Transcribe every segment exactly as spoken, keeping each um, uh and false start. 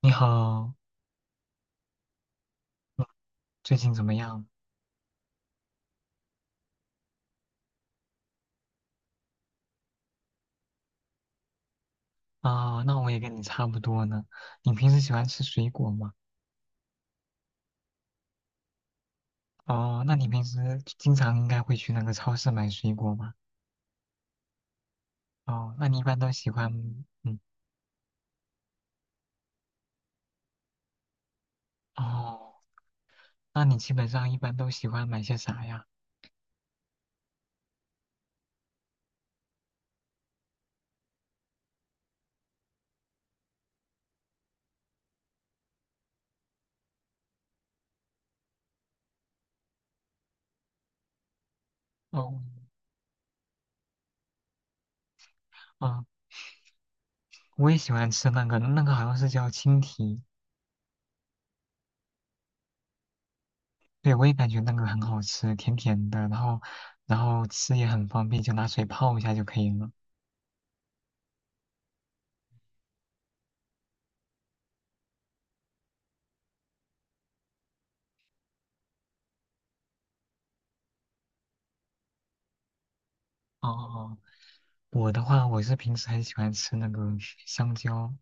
你好，嗯最近怎么样？啊、那我也跟你差不多呢。你平时喜欢吃水果吗？哦，那你平时经常应该会去那个超市买水果吗？哦，那你一般都喜欢，嗯，哦，那你基本上一般都喜欢买些啥呀？哦，啊、我也喜欢吃那个，那个好像是叫青提，对，我也感觉那个很好吃，甜甜的，然后，然后吃也很方便，就拿水泡一下就可以了。哦哦哦，我的话，我是平时很喜欢吃那个香蕉，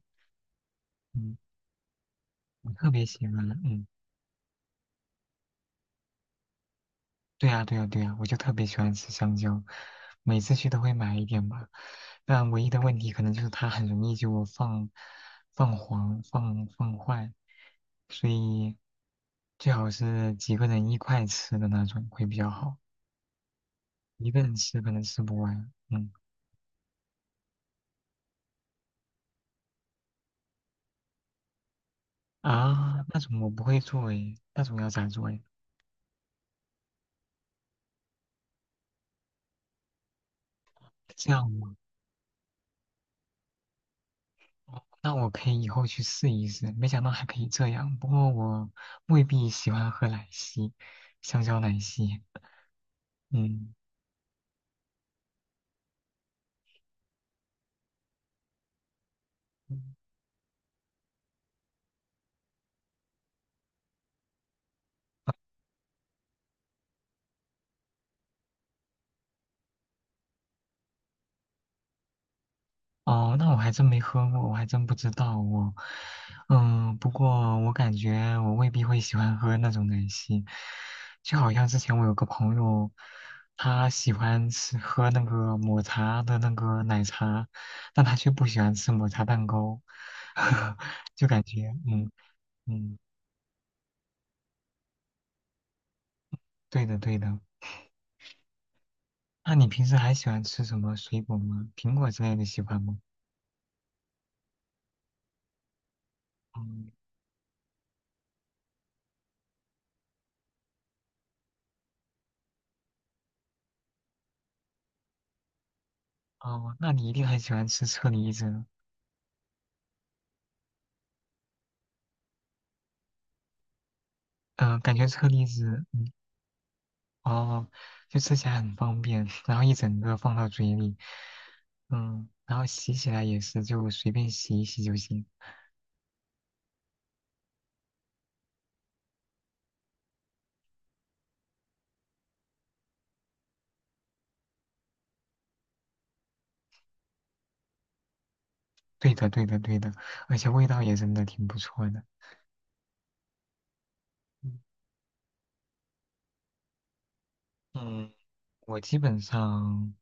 嗯，我特别喜欢，嗯，对呀，对呀，对呀，我就特别喜欢吃香蕉，每次去都会买一点吧。但唯一的问题可能就是它很容易就放放黄、放放坏，所以最好是几个人一块吃的那种会比较好，一个人吃可能吃不完。嗯。啊，那种我不会做诶，那种要咋做诶？这样吗？哦那我可以以后去试一试，没想到还可以这样。不过我未必喜欢喝奶昔，香蕉奶昔。嗯，哦，那我还真没喝过，我还真不知道我。嗯，不过我感觉我未必会喜欢喝那种奶昔，就好像之前我有个朋友，他喜欢吃喝那个抹茶的那个奶茶，但他却不喜欢吃抹茶蛋糕，就感觉嗯。嗯，对的对的。那你平时还喜欢吃什么水果吗？苹果之类的喜欢吗？嗯，哦，那你一定很喜欢吃车厘子。嗯、感觉车厘子，哦，就吃起来很方便，然后一整个放到嘴里，嗯，然后洗起来也是就随便洗一洗就行。对的，对的，对的，而且味道也真的挺不错的。嗯，嗯，我基本上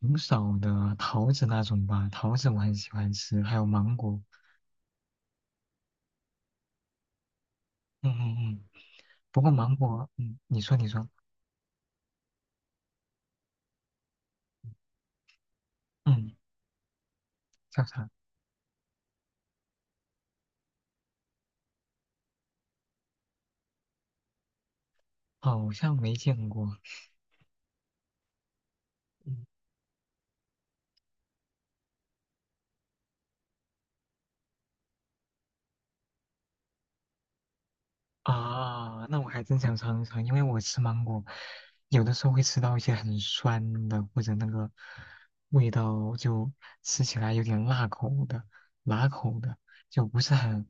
挺少的桃子那种吧，桃子我很喜欢吃，还有芒果。嗯嗯嗯，不过芒果，嗯，你说你说，嗯。叫啥？好像没见过。嗯。啊，那我还真想尝一尝，因为我吃芒果，有的时候会吃到一些很酸的，或者那个味道就吃起来有点辣口的、辣口的，就不是很……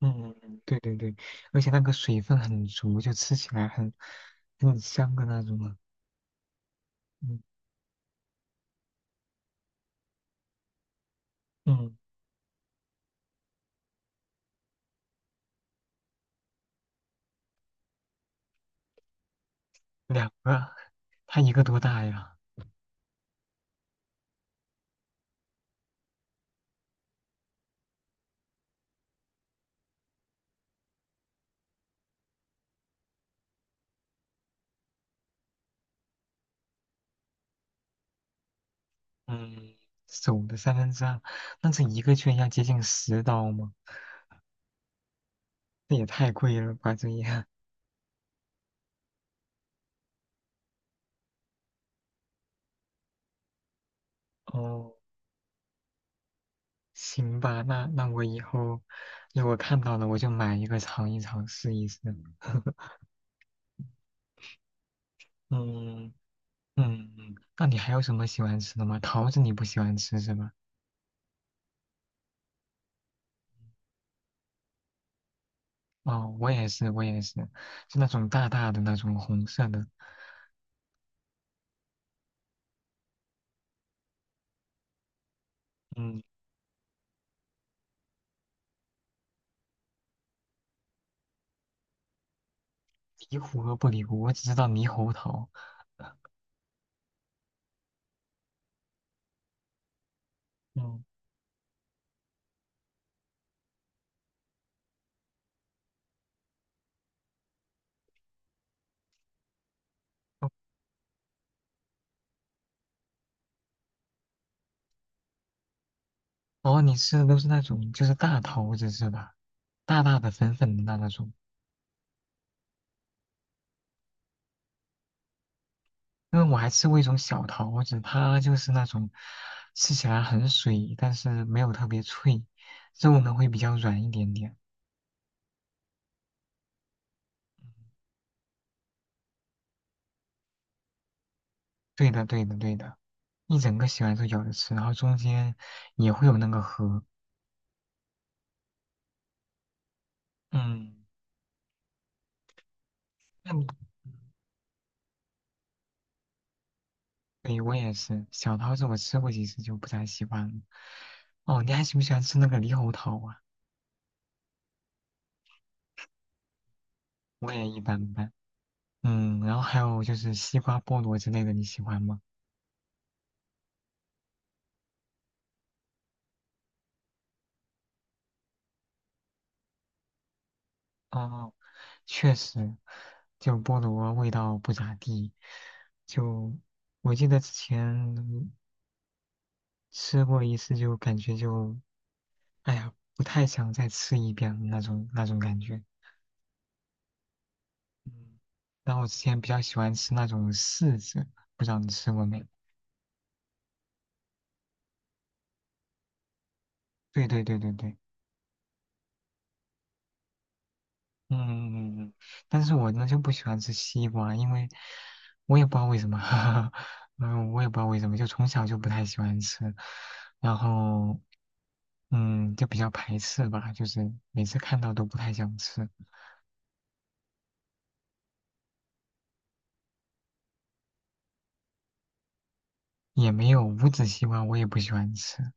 嗯，对对对，而且那个水分很足，就吃起来很很香的那种啊。嗯嗯，两个啊，它一个多大呀？嗯，手的三分之二，那这一个居然要接近十刀吗？这也太贵了吧，这也。哦，行吧，那那我以后如果看到了，我就买一个尝一尝，试一试。嗯嗯，嗯那你还有什么喜欢吃的吗？桃子你不喜欢吃是吧？哦，我也是，我也是，是那种大大的那种红色的。嗯，离核和不离核，我只知道猕猴桃。嗯，哦，哦你吃的都是那种就是大桃子是吧？大大的粉粉的那那种。因为我还吃过一种小桃子，它就是那种吃起来很水，但是没有特别脆，肉呢会比较软一点点。对的，对的，对的，一整个洗完之后咬着吃，然后中间也会有那个核。嗯，那你对我也是，小桃子我吃过几次就不太喜欢了。哦，你还喜不喜欢吃那个猕猴桃啊？我也一般般。嗯，然后还有就是西瓜、菠萝之类的，你喜欢吗？哦，确实，就菠萝味道不咋地。就我记得之前吃过一次，就感觉就，哎呀，不太想再吃一遍了那种那种感觉。嗯，然后我之前比较喜欢吃那种柿子，不知道你吃过没？对对对对对，嗯嗯嗯嗯。但是我呢就不喜欢吃西瓜，因为我也不知道为什么，嗯，我也不知道为什么，就从小就不太喜欢吃。然后嗯，就比较排斥吧，就是每次看到都不太想吃，也没有无籽西瓜，我也不喜欢吃。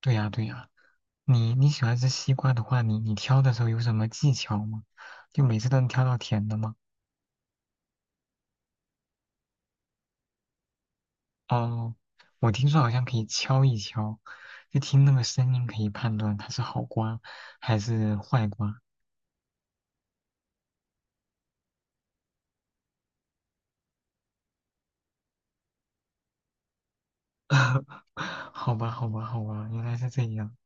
对呀，对呀，你你喜欢吃西瓜的话，你你挑的时候有什么技巧吗？就每次都能挑到甜的吗？哦，我听说好像可以敲一敲，就听那个声音可以判断它是好瓜还是坏瓜。好吧，好吧，好吧，原来是这样。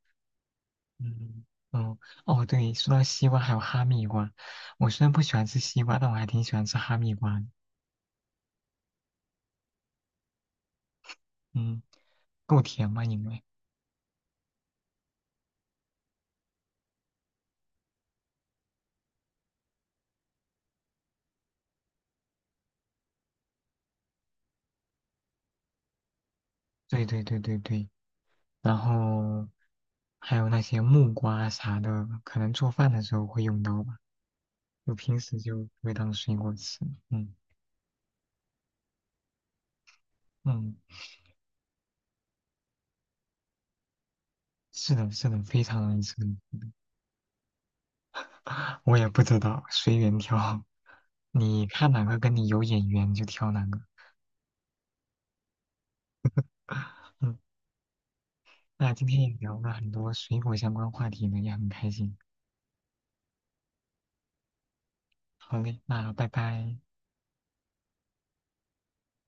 嗯，哦哦，对，说到西瓜还有哈密瓜，我虽然不喜欢吃西瓜，但我还挺喜欢吃哈密瓜的。嗯，够甜吗因为对对对对对，然后还有那些木瓜啥的，可能做饭的时候会用到吧，就平时就不会当水果吃。嗯嗯，是的，是的，非常能吃，我也不知道，随缘挑，你看哪个跟你有眼缘就挑哪个。嗯。那今天也聊了很多水果相关话题呢，也很开心。好嘞，那拜拜。